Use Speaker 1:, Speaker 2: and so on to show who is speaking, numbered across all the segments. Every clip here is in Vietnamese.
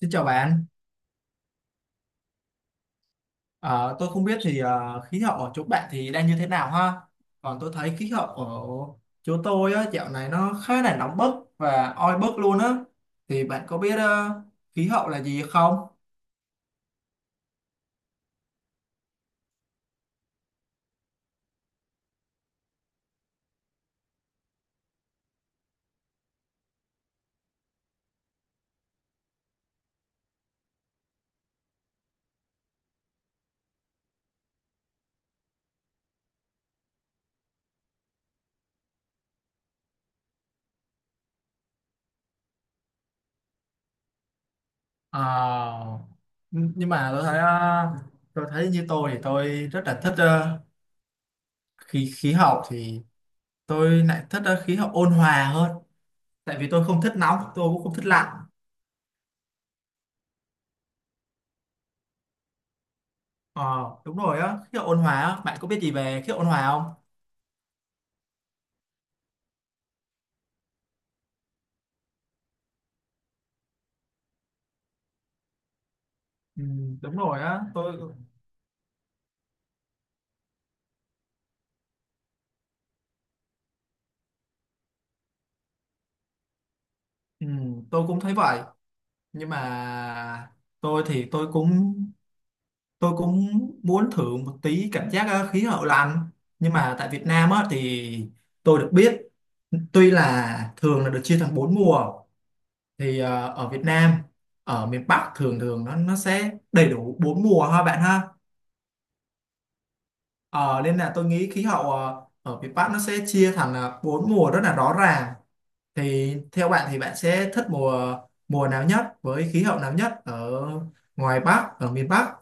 Speaker 1: Xin chào bạn. Ờ, tôi không biết thì khí hậu ở chỗ bạn thì đang như thế nào ha. Còn tôi thấy khí hậu ở chỗ tôi á, dạo này nó khá là nóng bức và oi bức luôn á. Thì bạn có biết khí hậu là gì không? Ờ, nhưng mà tôi thấy tôi thấy như tôi thì tôi rất là thích khí khí hậu thì tôi lại thích khí hậu ôn hòa hơn. Tại vì tôi không thích nóng, tôi cũng không thích lạnh. Ờ, đúng rồi á, khí hậu ôn hòa á. Bạn có biết gì về khí hậu ôn hòa không? Ừ, đúng rồi á. Ừ, tôi cũng thấy vậy nhưng mà tôi thì tôi cũng tôi cũng muốn thử một tí cảm giác khí hậu lạnh, nhưng mà tại Việt Nam á thì tôi được biết, tuy là thường là được chia thành bốn mùa, thì ở Việt Nam, ở miền Bắc thường thường nó sẽ đầy đủ bốn mùa ha bạn ha. Ờ, Nên là tôi nghĩ khí hậu ở miền Bắc nó sẽ chia thành bốn mùa rất là rõ ràng. Thì theo bạn thì bạn sẽ thích mùa mùa nào nhất, với khí hậu nào nhất ở ngoài Bắc, ở miền Bắc?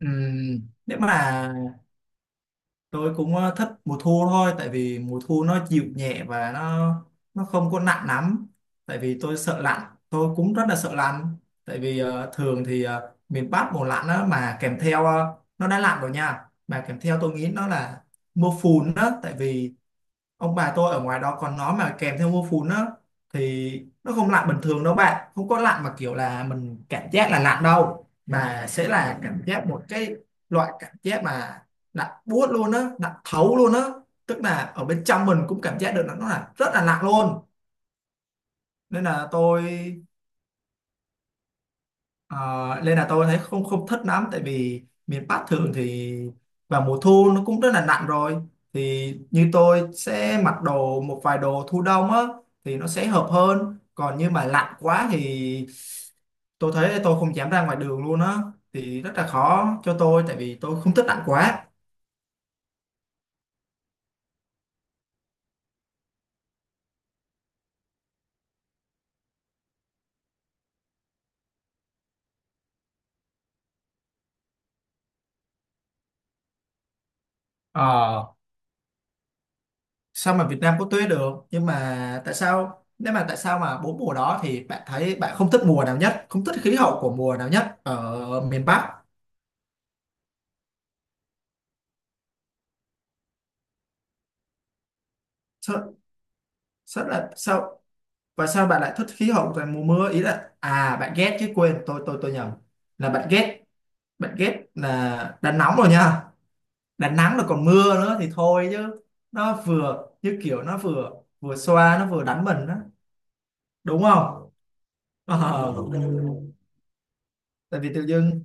Speaker 1: Nếu mà tôi cũng thích mùa thu thôi, tại vì mùa thu nó dịu nhẹ và nó không có nặng lắm. Tại vì tôi sợ lạnh, tôi cũng rất là sợ lạnh. Tại vì thường thì miền Bắc mùa lạnh đó mà kèm theo nó đã lạnh rồi nha. Mà kèm theo tôi nghĩ nó là mưa phùn đó, tại vì ông bà tôi ở ngoài đó, còn nó mà kèm theo mưa phùn á thì nó không lạnh bình thường đâu bạn, không có lạnh mà kiểu là mình cảm giác là lạnh đâu, mà sẽ là cảm giác một cái loại cảm giác mà lạnh buốt luôn á, lạnh thấu luôn á, tức là ở bên trong mình cũng cảm giác được là nó là rất là lạnh luôn. Nên là tôi Ờ, nên là tôi thấy không không thích lắm, tại vì miền Bắc thường thì vào mùa thu nó cũng rất là nặng rồi, thì như tôi sẽ mặc đồ một vài đồ thu đông á thì nó sẽ hợp hơn, còn như mà lạnh quá thì tôi thấy tôi không dám ra ngoài đường luôn á, thì rất là khó cho tôi tại vì tôi không thích lạnh quá. Ờ, Sao mà Việt Nam có tuyết được, nhưng mà tại sao nếu mà tại sao mà bốn mùa đó thì bạn thấy bạn không thích mùa nào nhất, không thích khí hậu của mùa nào nhất ở miền Bắc? Sao là sao, và sao bạn lại thích khí hậu toàn mùa mưa? Ý là à, bạn ghét chứ, quên, tôi nhầm, là bạn ghét. Bạn ghét là đã nóng rồi nha, đã nắng rồi còn mưa nữa thì thôi chứ. Nó vừa như kiểu nó vừa vừa xoa nó vừa đánh mình đó, đúng không? Ờ. Tại vì tự dưng.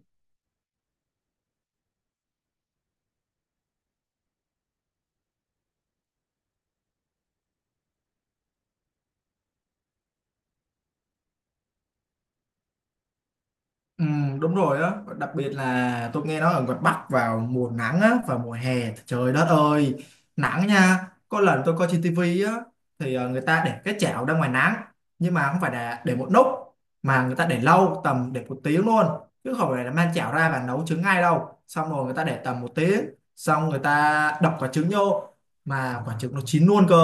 Speaker 1: Ừ, đúng rồi đó, đặc biệt là tôi nghe nói ở ngoài Bắc vào mùa nắng á và mùa hè, trời đất ơi, nắng nha. Có lần tôi coi trên tivi á, thì người ta để cái chảo ra ngoài nắng, nhưng mà không phải là để một lúc, mà người ta để lâu tầm để một tiếng luôn, chứ không phải là mang chảo ra và nấu trứng ngay đâu, xong rồi người ta để tầm một tiếng, xong người ta đập quả trứng vô, mà quả trứng nó chín luôn cơ.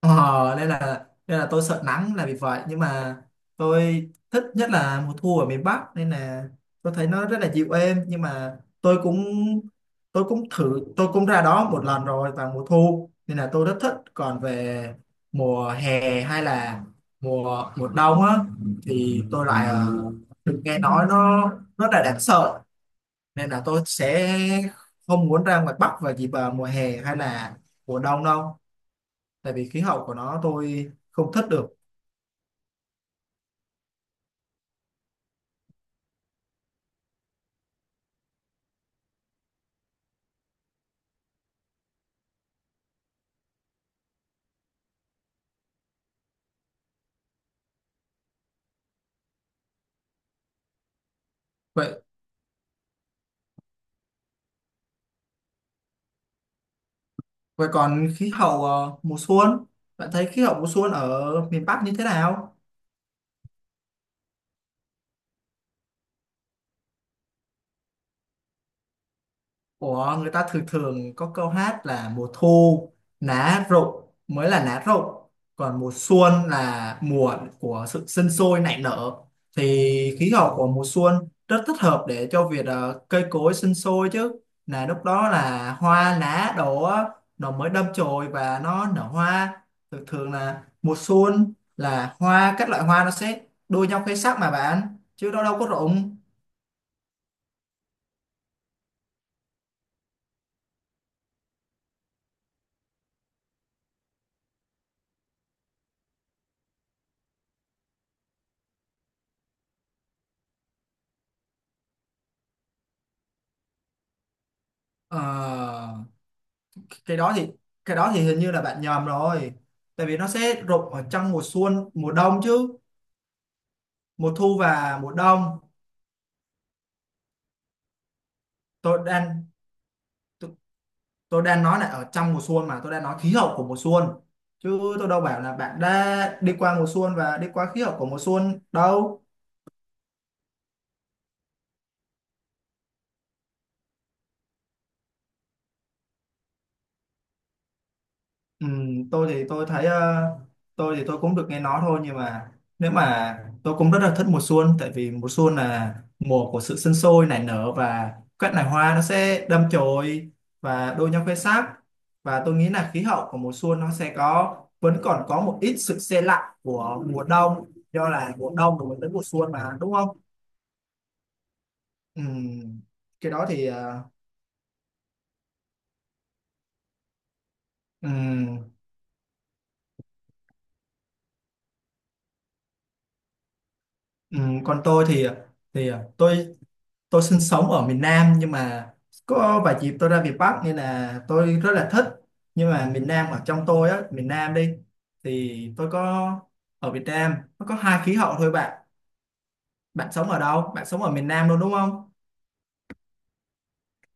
Speaker 1: Ờ, nên là tôi sợ nắng là vì vậy, nhưng mà tôi thích nhất là mùa thu ở miền Bắc, nên là tôi thấy nó rất là dịu êm. Nhưng mà tôi cũng thử, tôi cũng ra đó một lần rồi vào mùa thu nên là tôi rất thích. Còn về mùa hè hay là mùa mùa đông á, thì tôi lại được nghe nói nó rất là đáng sợ, nên là tôi sẽ không muốn ra ngoài Bắc vào dịp mùa hè hay là mùa đông đâu, tại vì khí hậu của nó tôi không thất được. Vậy Vậy còn khí hậu mùa xuân, bạn thấy khí hậu mùa xuân ở miền Bắc như thế nào? Ủa, người ta thường thường có câu hát là mùa thu lá rụng mới là lá rụng, còn mùa xuân là mùa của sự sinh sôi nảy nở, thì khí hậu của mùa xuân rất thích hợp để cho việc cây cối sinh sôi chứ. Là lúc đó là hoa lá đổ á, nó mới đâm chồi và nó nở hoa. Thường thường là mùa xuân là hoa, các loại hoa nó sẽ đua nhau khoe sắc mà bạn, chứ nó đâu có rụng. Ờ, cái đó thì cái đó thì hình như là bạn nhầm rồi, tại vì nó sẽ rụng ở trong mùa xuân mùa đông chứ, mùa thu và mùa đông. tôi đang tôi, tôi đang nói là ở trong mùa xuân, mà tôi đang nói khí hậu của mùa xuân, chứ tôi đâu bảo là bạn đã đi qua mùa xuân và đi qua khí hậu của mùa xuân đâu. Ừ, tôi thì tôi thấy tôi thì tôi cũng được nghe nói thôi, nhưng mà nếu mà tôi cũng rất là thích mùa xuân, tại vì mùa xuân là mùa của sự sinh sôi nảy nở và các loài hoa nó sẽ đâm chồi và đua nhau khoe sắc. Và tôi nghĩ là khí hậu của mùa xuân nó sẽ vẫn còn có một ít sự se lạnh của mùa đông, do là mùa đông rồi mình đến mùa xuân mà, đúng không? Ừ, cái đó thì ừ, ừ, còn tôi thì thì ờ, tôi tôi sinh sống ở miền Nam, nhưng mà có vài dịp tôi ra miền Bắc nên là tôi rất là thích. Nhưng mà miền Nam ở trong tôi á, miền Nam đi, thì tôi có, ở Việt Nam nó có hai khí hậu thôi bạn. Bạn sống ở đâu, bạn sống ở miền Nam luôn đúng không?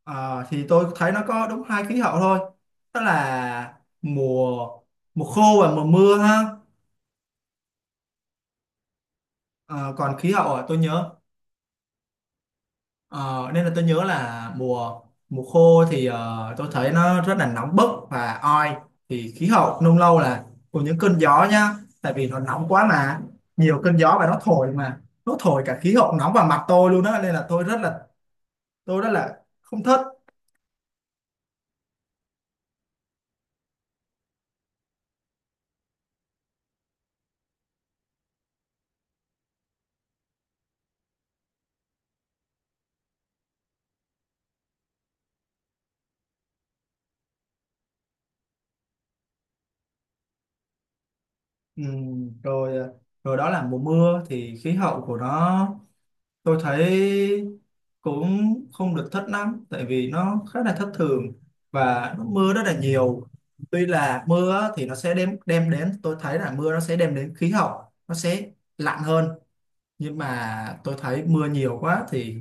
Speaker 1: Ờ, thì tôi thấy nó có đúng hai khí hậu thôi, đó là mùa mùa khô và mùa mưa ha. Ờ, còn khí hậu ở tôi nhớ. Ờ, nên là tôi nhớ là mùa mùa khô thì tôi thấy nó rất là nóng bức và oi, thì khí hậu nung lâu là cùng những cơn gió nhá, tại vì nó nóng quá mà, nhiều cơn gió và nó thổi, mà nó thổi cả khí hậu nóng vào mặt tôi luôn đó, nên là tôi rất là không thích. Rồi rồi đó là mùa mưa thì khí hậu của nó tôi thấy cũng không được thất lắm, tại vì nó khá là thất thường và nó mưa rất là nhiều. Tuy là mưa á, thì nó sẽ đem đem đến, tôi thấy là mưa nó sẽ đem đến khí hậu, nó sẽ lạnh hơn, nhưng mà tôi thấy mưa nhiều quá thì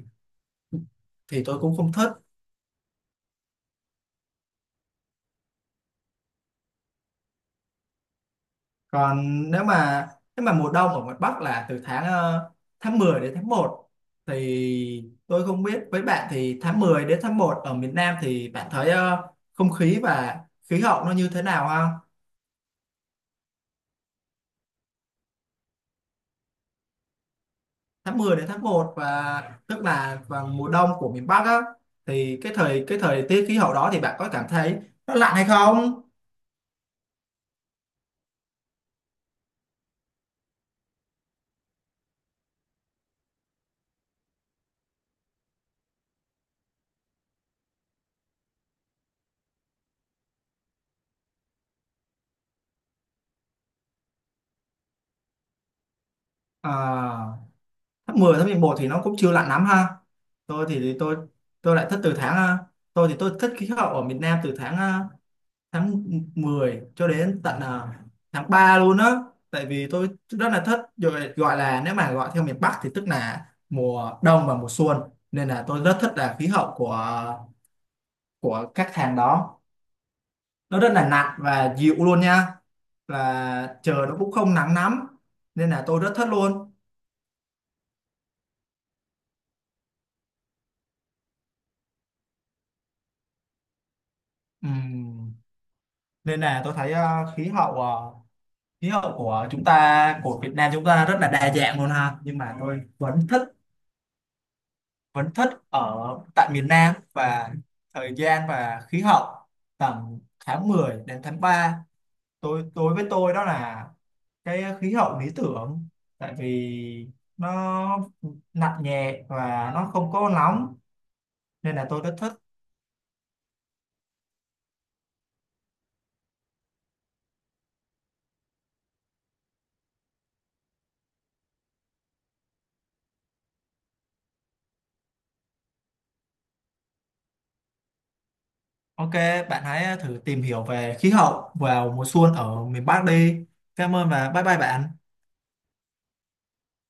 Speaker 1: tôi cũng không thích. Còn nếu mà Nếu mà mùa đông ở ngoài Bắc là từ tháng tháng 10 đến tháng một, thì tôi không biết với bạn thì tháng 10 đến tháng một ở miền Nam thì bạn thấy không khí và khí hậu nó như thế nào ha? Tháng mười đến tháng một, và tức là vào mùa đông của miền Bắc á, thì cái thời tiết khí hậu đó thì bạn có cảm thấy nó lạnh hay không? À, tháng 11 thì nó cũng chưa lạnh lắm ha. Tôi thì thì tôi tôi lại thích từ tháng ờ, tôi thì tôi thích khí hậu ở miền Nam từ tháng tháng 10 cho đến tận à, tháng 3 luôn á, tại vì tôi rất là thích, rồi gọi là nếu mà gọi theo miền Bắc thì tức là mùa đông và mùa xuân, nên là tôi rất thích là khí hậu của các tháng đó, nó rất là nặng và dịu luôn nha, và trời nó cũng không nắng lắm, nên là tôi rất thích luôn. Ừm, nên là tôi thấy khí hậu khí hậu của chúng ta, của Việt Nam chúng ta rất là đa dạng luôn ha, nhưng mà tôi vẫn thích ở tại miền Nam, và thời gian và khí hậu tầm tháng 10 đến tháng 3, tôi với tôi đó là cái khí hậu lý tưởng, tại vì nó nặng nhẹ và nó không có nóng, nên là tôi rất thích. Ok, bạn hãy thử tìm hiểu về khí hậu vào mùa xuân ở miền Bắc đi. Cảm ơn, và bye bye bạn.